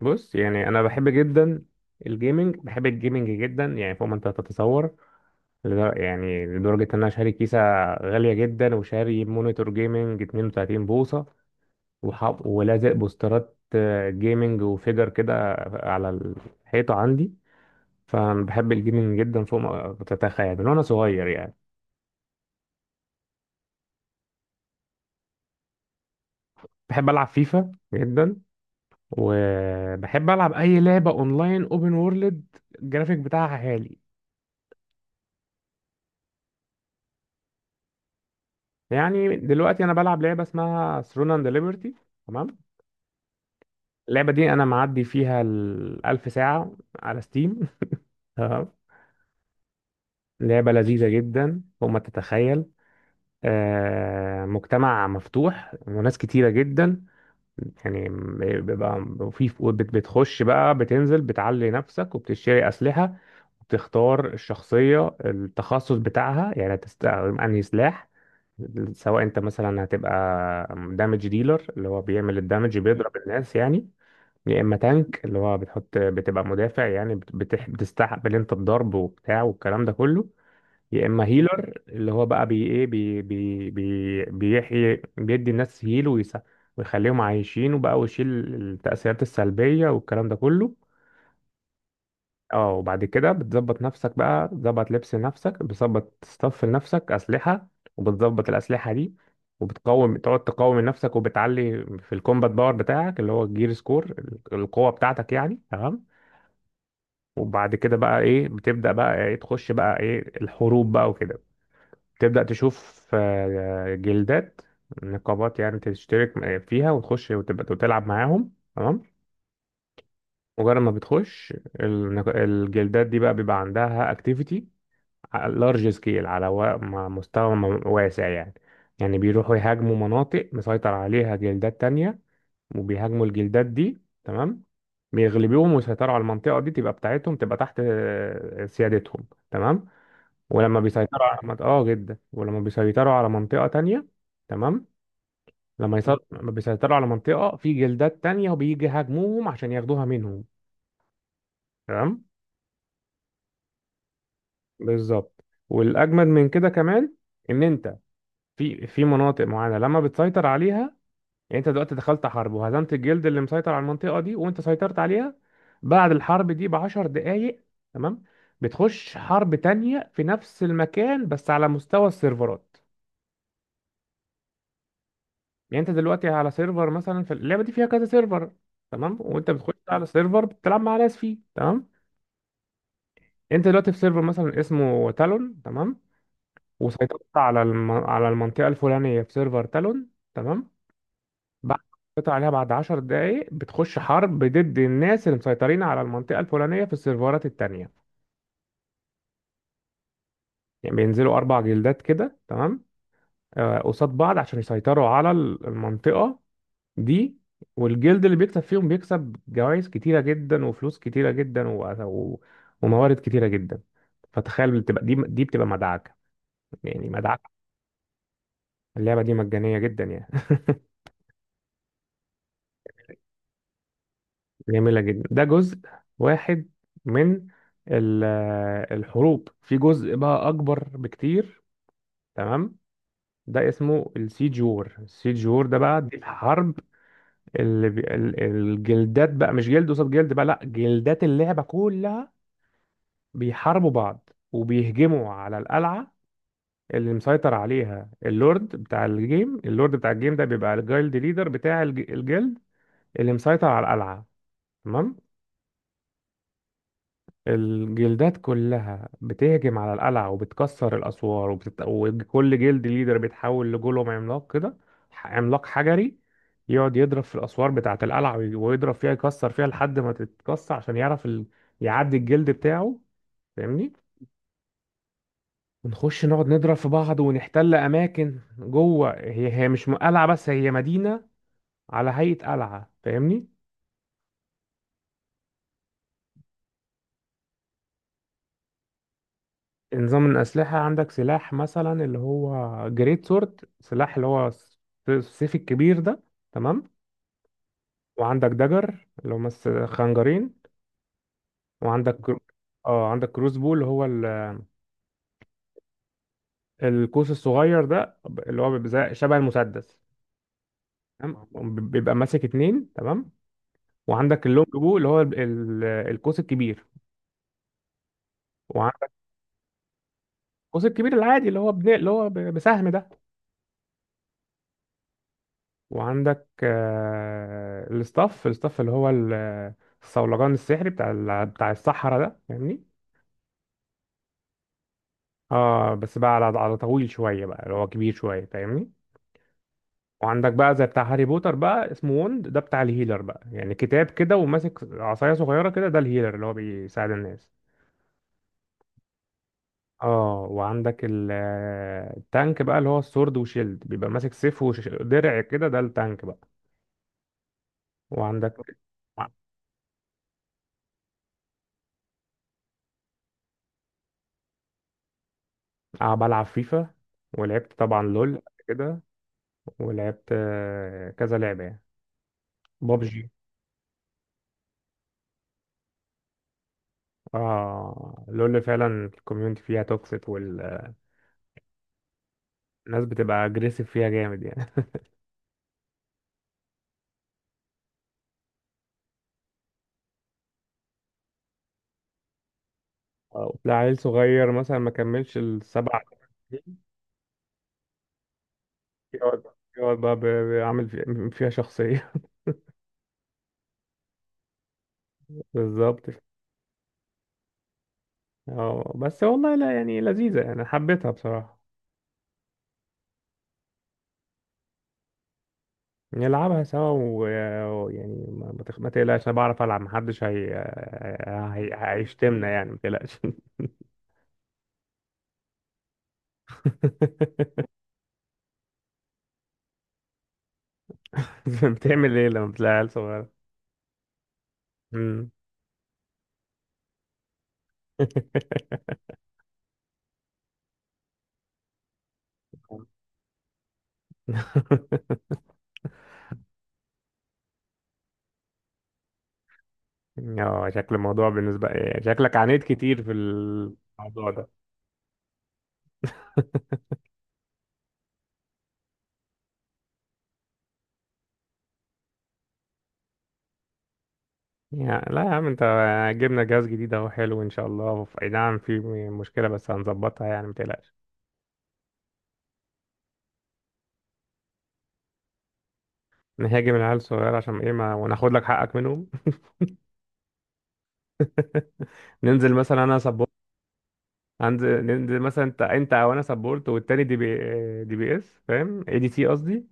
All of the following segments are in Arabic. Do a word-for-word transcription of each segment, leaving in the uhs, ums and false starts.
بص، يعني انا بحب جدا الجيمنج. بحب الجيمنج جدا يعني فوق ما انت تتصور. لدر- يعني لدرجة ان انا شاري كيسة غالية جدا، وشاري مونيتور جيمنج 32 بوصة، وحاط ولازق بوسترات آه، جيمنج وفيجر كده على الحيطة عندي. فبحب الجيمنج جدا فوق ما تتخيل من وانا صغير يعني. بحب العب فيفا جدا، وبحب العب اي لعبة اونلاين اوبن وورلد الجرافيك بتاعها عالي. يعني دلوقتي انا بلعب لعبه اسمها ثرون اند ليبرتي. تمام. اللعبه دي انا معدي فيها الألف ساعه على ستيم تمام. لعبه لذيذه جدا فوق ما تتخيل. آه، مجتمع مفتوح وناس كتيره جدا يعني. بيبقى في، بتخش بقى بتنزل بتعلي نفسك، وبتشتري اسلحه، وبتختار الشخصيه التخصص بتاعها، يعني هتستخدم انهي سلاح. سواء انت مثلا هتبقى دامج ديلر، اللي هو بيعمل الدامج بيضرب الناس يعني. يا اما تانك، اللي هو بتحط بتبقى مدافع، يعني بت- بتح... بتستقبل انت الضرب وبتاع والكلام ده كله. يا اما هيلر، اللي هو بقى بي ايه بي بي بي بيحيي بيدي الناس هيل ويس... ويخليهم عايشين، وبقى ويشيل التأثيرات السلبية والكلام ده كله. اه، وبعد كده بتظبط نفسك بقى، بتظبط لبس لنفسك، بتظبط ستاف لنفسك أسلحة، وبتظبط الأسلحة دي، وبتقوم تقعد تقوم من نفسك، وبتعلي في الكومبات باور بتاعك اللي هو الجير سكور، القوة بتاعتك يعني. تمام. وبعد كده بقى ايه، بتبدأ بقى ايه تخش بقى ايه الحروب بقى وكده. تبدأ تشوف آه، جلدات، نقابات يعني تشترك فيها وتخش وتبقى وتلعب معاهم. تمام. مجرد ما بتخش، النق- الجلدات دي بقى بيبقى عندها اكتيفيتي لارج سكيل على و- م- مستوى م- واسع يعني. يعني بيروحوا يهاجموا مناطق مسيطر عليها جلدات تانية، وبيهاجموا الجلدات دي. تمام. بيغلبوهم ويسيطروا على المنطقة دي، تبقى بتاعتهم، تبقى تحت آه، سيادتهم. تمام. ولما بيسيطروا على مط- اه جدا، ولما بيسيطروا على منطقة تانية. تمام. لما يسيطروا، لما بيسيطروا على منطقة آه، في جلدات تانية، وبيجي يهاجموهم عشان ياخدوها منهم. تمام. بالظبط. والأجمد من كده كمان، إن أنت في في مناطق معينه لما بتسيطر عليها. يعني انت دلوقتي دخلت حرب، وهزمت الجلد اللي مسيطر على المنطقه دي، وانت سيطرت عليها. بعد الحرب دي بعشر دقايق، تمام، بتخش حرب تانية في نفس المكان، بس على مستوى السيرفرات. يعني انت دلوقتي على سيرفر، مثلا في اللعبه دي فيها كذا سيرفر. تمام. وانت بتخش على سيرفر بتلعب مع ناس فيه. تمام. انت دلوقتي في سيرفر مثلا اسمه تالون. تمام. وسيطرت على الم... على المنطقه الفلانيه في سيرفر تالون. تمام. بعد قطع عليها، بعد عشر دقايق بتخش حرب ضد الناس اللي مسيطرين على المنطقة الفلانية في السيرفرات التانية. يعني بينزلوا أربع جلدات كده. تمام. آه، قصاد بعض عشان يسيطروا على ال- المنطقة دي. والجلد اللي بيكسب فيهم بيكسب جوائز كتيرة جدا، وفلوس كتيرة جدا، و... و... وموارد كتيرة جدا. فتخيل بتبقى دي دي بتبقى مدعكة، يعني مدعكة. اللعبة دي مجانية جدا يعني. جميلة جدا. ده جزء واحد من ال- الحروب. في جزء بقى أكبر بكتير. تمام. ده اسمه السيج وور. السيج وور ده بقى دي الحرب اللي بي... ال- الجلدات بقى مش جلد قصاد جلد بقى، لا جلدات اللعبة كلها بيحاربوا بعض، وبيهجموا على القلعة اللي مسيطر عليها اللورد بتاع الجيم. اللورد بتاع الجيم ده بيبقى الجايلد ليدر بتاع الج- الجلد اللي مسيطر على القلعة. تمام. الجلدات كلها بتهجم على القلعة، وبتكسر الأسوار، وبتت... وكل جلد ليدر بيتحول لجولوم عملاق كده، ح- عملاق حجري، يقعد يضرب في الأسوار بتاعة القلعة، وي- ويضرب فيها يكسر فيها لحد ما تتكسر، عشان يعرف ال... يعدي الجلد بتاعه. فاهمني؟ ونخش نقعد نضرب في بعض، ونحتل أماكن جوه. هي هي مش م- قلعة بس، هي مدينة على هيئة قلعة. فاهمني؟ نظام الأسلحة: عندك سلاح مثلا اللي هو جريت سورد، سلاح اللي هو الس- السيف الكبير ده. تمام. وعندك دجر، اللي هم الس- خنجرين. وعندك كرو- اه، عندك كروس بو اللي هو ال- القوس الصغير ده، اللي هو بيبقى زي- شبه المسدس. تمام. وب- بيبقى ماسك اتنين. تمام. وعندك اللونج بو اللي هو ال- ال- القوس الكبير. وعندك القوس الكبير العادي اللي هو بن... اللي هو ب- بسهم ده. وعندك آه، الستاف، الستاف اللي هو ال- الصولجان السحري بتاع ال- بتاع الصحراء ده. فاهمني؟ اه بس بقى على، على طويل شويه بقى اللي هو كبير شويه، فاهمني؟ وعندك بقى زي بتاع هاري بوتر بقى اسمه وند، ده بتاع الهيلر بقى، يعني كتاب كده وماسك عصايه صغيره كده، ده الهيلر اللي هو بيساعد الناس. اه، وعندك ال- آه، التانك بقى اللي هو السورد وشيلد، بيبقى ماسك سيف ودرع كده، ده التانك بقى. وعندك ع- بلعب فيفا. ولعبت طبعا لول قبل كده. ولعبت آه، كذا لعبة يعني. بابجي. اه، لول فعلا الكوميونتي فيها توكسيك، والناس بتبقى اجريسيف فيها جامد يعني. آه، تلاقي عيل صغير مثلا ما كملش السبع سنين، يقعد يقعد بقى ب- بيعمل في- فيها شخصية. بالظبط. اه بس والله لا، يعني لذيذة يعني، حبيتها بصراحة. نلعبها سوا و- ويعني ما ما تخ- ما تقلقش انا بعرف العب، محدش هي... هي... هيشتمنا يعني، ما تقلقش. بتعمل ايه لما بتلاقي عيل صغير؟ مم. اه، شكل الموضوع بالنسبة إيه، شكلك عانيت كتير في الموضوع ده. يعني لا يا عم انت، جبنا جهاز جديد اهو حلو ان شاء الله. اي نعم في مشكلة بس هنظبطها يعني، ما تقلقش. نهاجم العيال الصغيرة عشان ايه، ما وناخد لك حقك منهم. ننزل مثلا انا سبورت. هنزل ننزل مثلا انت، انت او انا سبورت، والتاني دي بي، دي بي اس، فاهم، اي دي سي قصدي.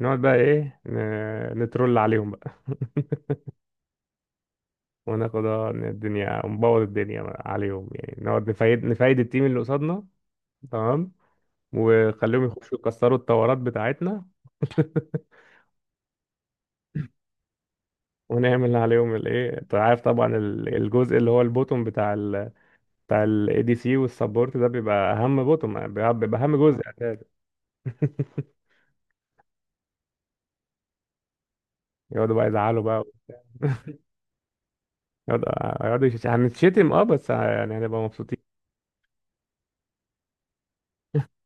نقعد بقى ايه ن- نترول عليهم بقى. وناخد اه إن الدنيا ونبوظ الدنيا عليهم يعني، نقعد نفايد نفايد التيم اللي قصادنا. تمام. وخليهم يخشوا يكسروا الطورات بتاعتنا. ونعمل عليهم الايه، انت عارف طبعا ال- الجزء اللي هو البوتوم بتاع ال، بتاع الاي دي سي والسبورت ده، بيبقى اهم بوتوم، بيبقى بيبقى اهم جزء اساسا. يقعدوا بقى يزعلوا بقى. يقعدوا يقعدوا يش- هنتشتم اه، بس يعني هنبقى مبسوطين.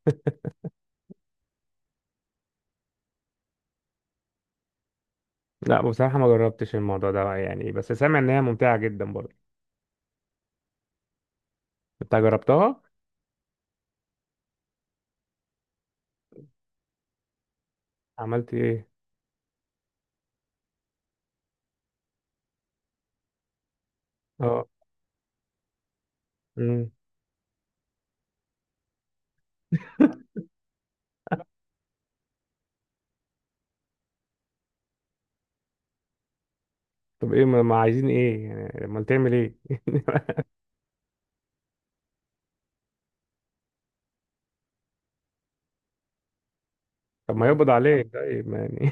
لا بصراحة ما جربتش الموضوع ده يعني، بس سامع ان هي ممتعة جدا برضه. انت جربتها؟ عملت ايه؟ اه. امم. طب ايه، ما ما عايزين ايه يعني؟ امال تعمل ايه؟ طب ما يقبض عليك طيب، ما يعني.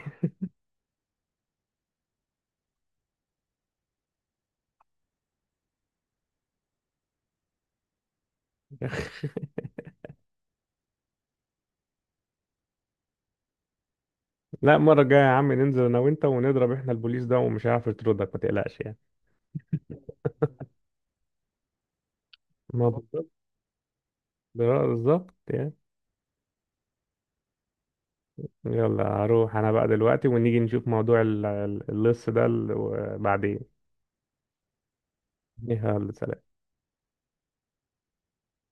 لا، المره الجايه يا عم ننزل انا وانت ونضرب احنا البوليس ده، ومش هيعرف يطردك ما تقلقش يعني. ما بالظبط. آه، بالظبط يعني. يلا هروح انا بقى دلوقتي، ونيجي نشوف موضوع ال- ال- اللص ده ال- بعدين. يلا، سلام.